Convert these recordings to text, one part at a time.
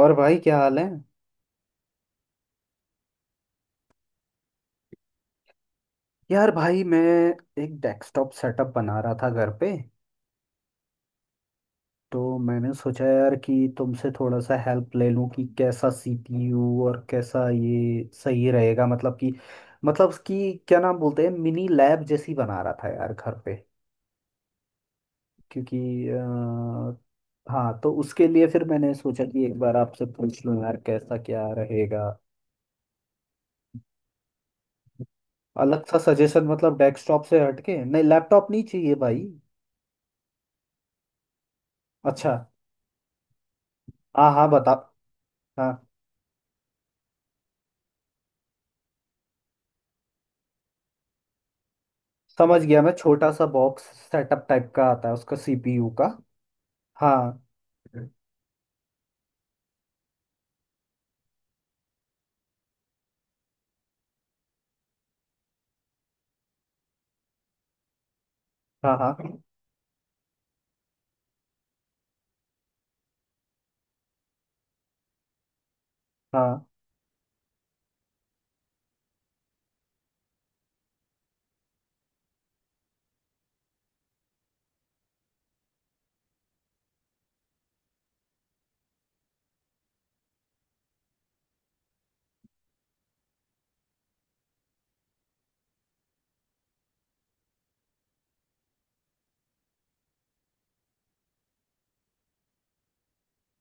और भाई क्या हाल है। यार भाई मैं एक डेस्कटॉप सेटअप बना रहा था घर पे। तो मैंने सोचा यार कि तुमसे थोड़ा सा हेल्प ले लूं कि कैसा सीपीयू और कैसा ये सही रहेगा। मतलब कि क्या नाम बोलते हैं, मिनी लैब जैसी बना रहा था यार घर पे। क्योंकि हाँ, तो उसके लिए फिर मैंने सोचा कि एक बार आपसे पूछ लूं यार कैसा क्या रहेगा। अलग सा सजेशन मतलब डेस्कटॉप से हटके? नहीं, लैपटॉप नहीं चाहिए भाई। अच्छा। हाँ हाँ, बता। हाँ। समझ गया मैं, छोटा सा बॉक्स सेटअप टाइप का आता है, उसका सीपीयू का। हाँ हाँ। हाँ हाँ।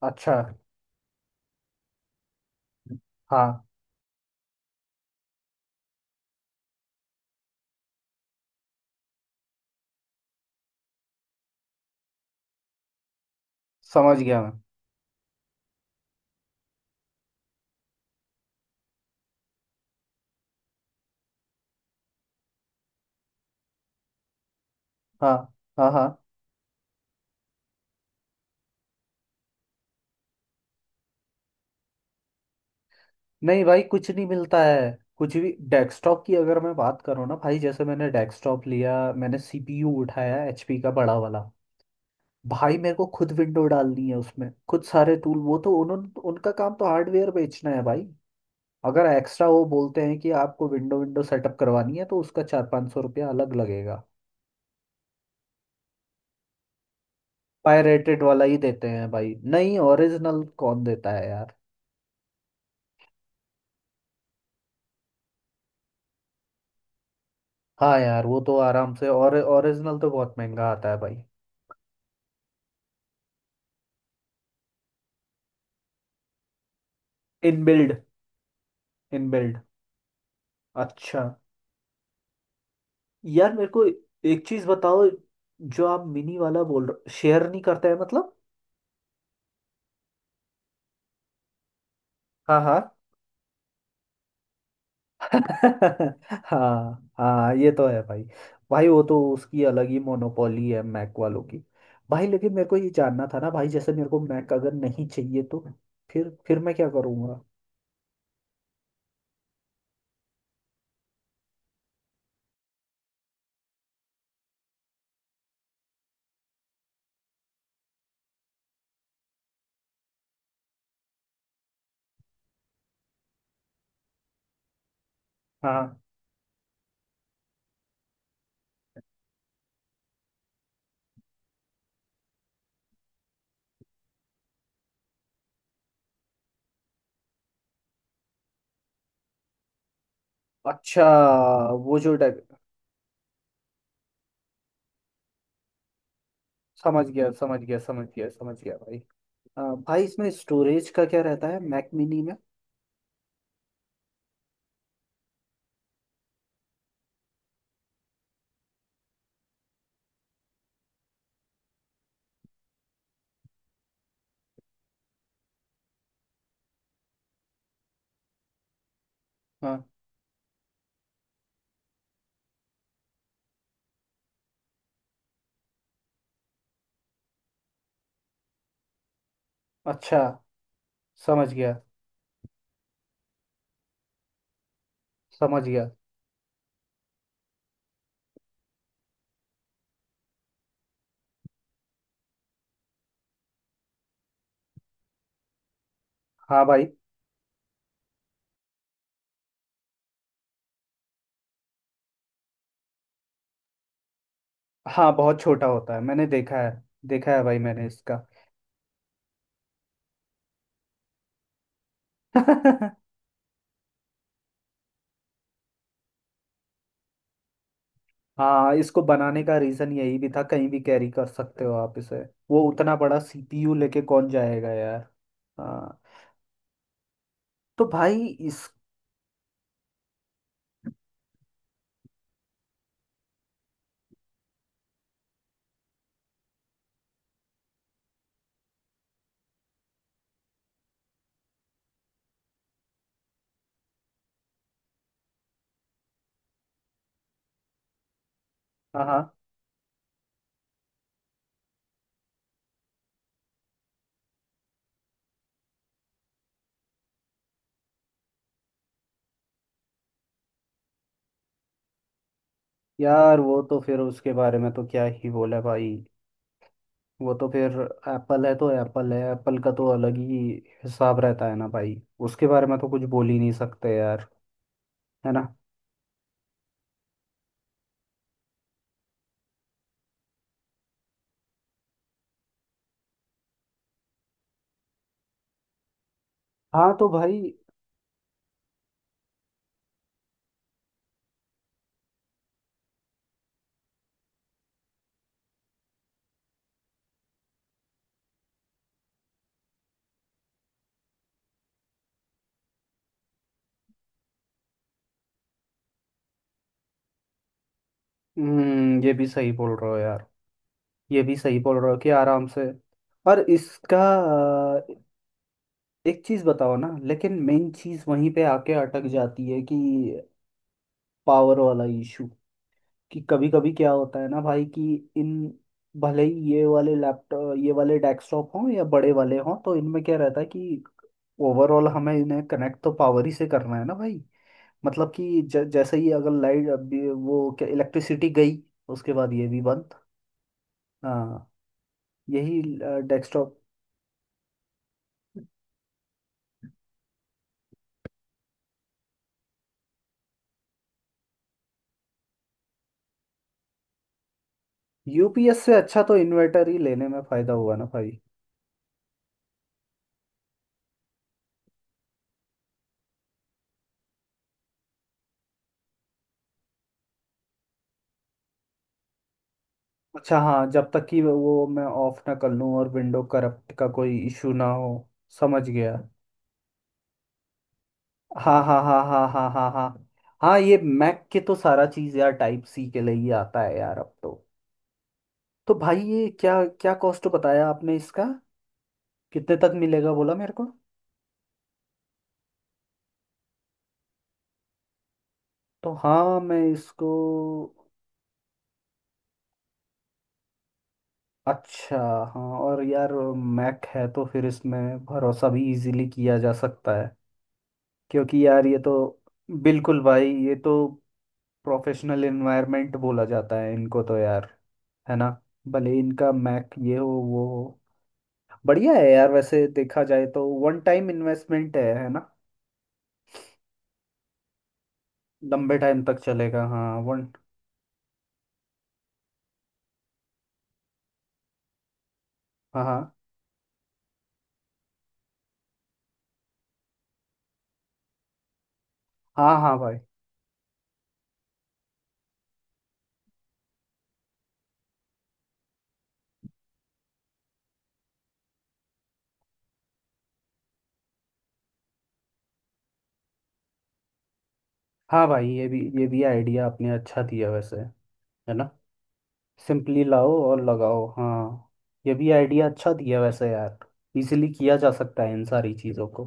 अच्छा। हाँ। समझ गया मैं। हाँ हाँ हाँ। नहीं भाई, कुछ नहीं मिलता है। कुछ भी डेस्कटॉप की अगर मैं बात करूँ ना भाई, जैसे मैंने डेस्कटॉप लिया, मैंने सीपीयू उठाया एचपी का बड़ा वाला। भाई मेरे को खुद विंडो डालनी है उसमें, खुद सारे टूल। वो तो उन्होंने, उनका काम तो हार्डवेयर बेचना है भाई। अगर एक्स्ट्रा वो बोलते हैं कि आपको विंडो विंडो सेटअप करवानी है तो उसका 400 500 रुपया अलग लगेगा। पायरेटेड वाला ही देते हैं भाई, नहीं ओरिजिनल कौन देता है यार। हाँ यार वो तो आराम से, और ओरिजिनल तो बहुत महंगा आता है भाई। इनबिल्ड। इनबिल्ड। अच्छा। यार मेरे को एक चीज बताओ, जो आप मिनी वाला बोल रहे, शेयर नहीं करते हैं मतलब? हाँ हाँ। हाँ हाँ ये तो है भाई। भाई वो तो उसकी अलग ही मोनोपोली है मैक वालों की। भाई लेकिन मेरे को ये जानना था ना भाई, जैसे मेरे को मैक अगर नहीं चाहिए तो फिर मैं क्या करूँगा? हाँ। अच्छा। वो जो डग, समझ गया समझ गया समझ गया समझ गया भाई। भाई इसमें स्टोरेज का क्या रहता है मैक मिनी में? हाँ। अच्छा। समझ गया। समझ गया। हाँ भाई। हाँ बहुत छोटा होता है, मैंने देखा है। देखा है भाई मैंने इसका। हाँ, इसको बनाने का रीज़न यही भी था, कहीं भी कैरी कर सकते हो आप इसे। वो उतना बड़ा सीपीयू लेके कौन जाएगा यार। हाँ। तो भाई इस, हाँ हाँ यार, वो तो फिर उसके बारे में तो क्या ही बोला भाई। वो तो फिर एप्पल है तो एप्पल है, एप्पल का तो अलग ही हिसाब रहता है ना भाई। उसके बारे में तो कुछ बोल ही नहीं सकते यार, है ना। हाँ तो भाई, ये भी सही बोल रहे हो यार। ये भी सही बोल रहे हो कि आराम से। और इसका अ, एक चीज बताओ ना, लेकिन मेन चीज वहीं पे आके अटक जाती है कि पावर वाला इशू। कि कभी कभी क्या होता है ना भाई कि इन, भले ही ये वाले लैपटॉप ये वाले डेस्कटॉप हों या बड़े वाले हों, तो इनमें क्या रहता है कि ओवरऑल हमें इन्हें कनेक्ट तो पावर ही से करना है ना भाई। मतलब कि जैसे ही अगर लाइट अभी, वो क्या इलेक्ट्रिसिटी गई, उसके बाद ये भी बंद। हाँ। यही डेस्कटॉप। यूपीएस से अच्छा तो इन्वर्टर ही लेने में फ़ायदा हुआ ना भाई। अच्छा, हाँ, जब तक कि वो मैं ऑफ ना कर लूँ और विंडो करप्ट का कोई इशू ना हो। समझ गया। हाँ हाँ हाँ हाँ हाँ हाँ हाँ। हाँ ये मैक के तो सारा चीज़ यार टाइप सी के लिए ही आता है यार अब तो। तो भाई ये क्या, क्या कॉस्ट बताया आपने इसका, कितने तक मिलेगा बोला मेरे को? तो हाँ मैं इसको, अच्छा। हाँ और यार, मैक है तो फिर इसमें भरोसा भी इजीली किया जा सकता है, क्योंकि यार ये तो, बिल्कुल भाई ये तो प्रोफेशनल एनवायरनमेंट बोला जाता है इनको तो यार, है ना। भले इनका मैक ये हो वो हो, बढ़िया है यार। वैसे देखा जाए तो वन टाइम इन्वेस्टमेंट है ना। लंबे टाइम तक चलेगा, हाँ। वन। हाँ हाँ। हाँ हाँ भाई। हाँ भाई ये भी, ये भी आइडिया आपने अच्छा दिया वैसे, है ना। सिंपली लाओ और लगाओ, हाँ। ये भी आइडिया अच्छा दिया वैसे यार। इजीली किया जा सकता है इन सारी चीज़ों को।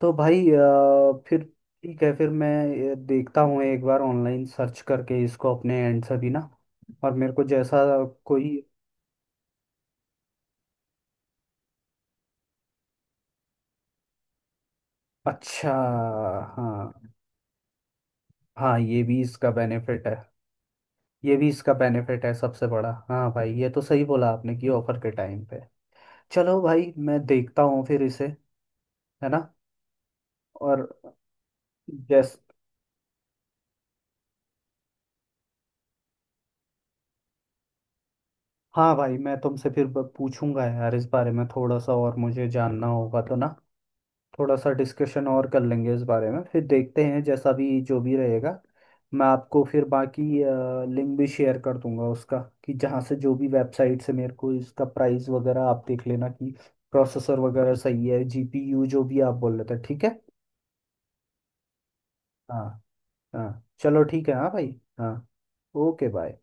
तो भाई फिर ठीक है, फिर मैं ये देखता हूँ एक बार ऑनलाइन सर्च करके इसको अपने एंड से भी ना। और मेरे को जैसा कोई, अच्छा। हाँ हाँ ये भी इसका बेनिफिट है। ये भी इसका बेनिफिट है सबसे बड़ा, हाँ भाई ये तो सही बोला आपने कि ऑफर के टाइम पे। चलो भाई मैं देखता हूँ फिर इसे, है ना। और जैस, हाँ भाई मैं तुमसे फिर पूछूंगा यार इस बारे में, थोड़ा सा और मुझे जानना होगा तो ना, थोड़ा सा डिस्कशन और कर लेंगे इस बारे में, फिर देखते हैं जैसा भी, जो भी रहेगा। मैं आपको फिर बाकी लिंक भी शेयर कर दूंगा उसका, कि जहाँ से, जो भी वेबसाइट से मेरे को इसका प्राइस वगैरह आप देख लेना, कि प्रोसेसर वगैरह सही है, जीपीयू जो भी आप बोल रहे थे। ठीक है। हाँ हाँ, चलो ठीक है। हाँ भाई। हाँ ओके बाय।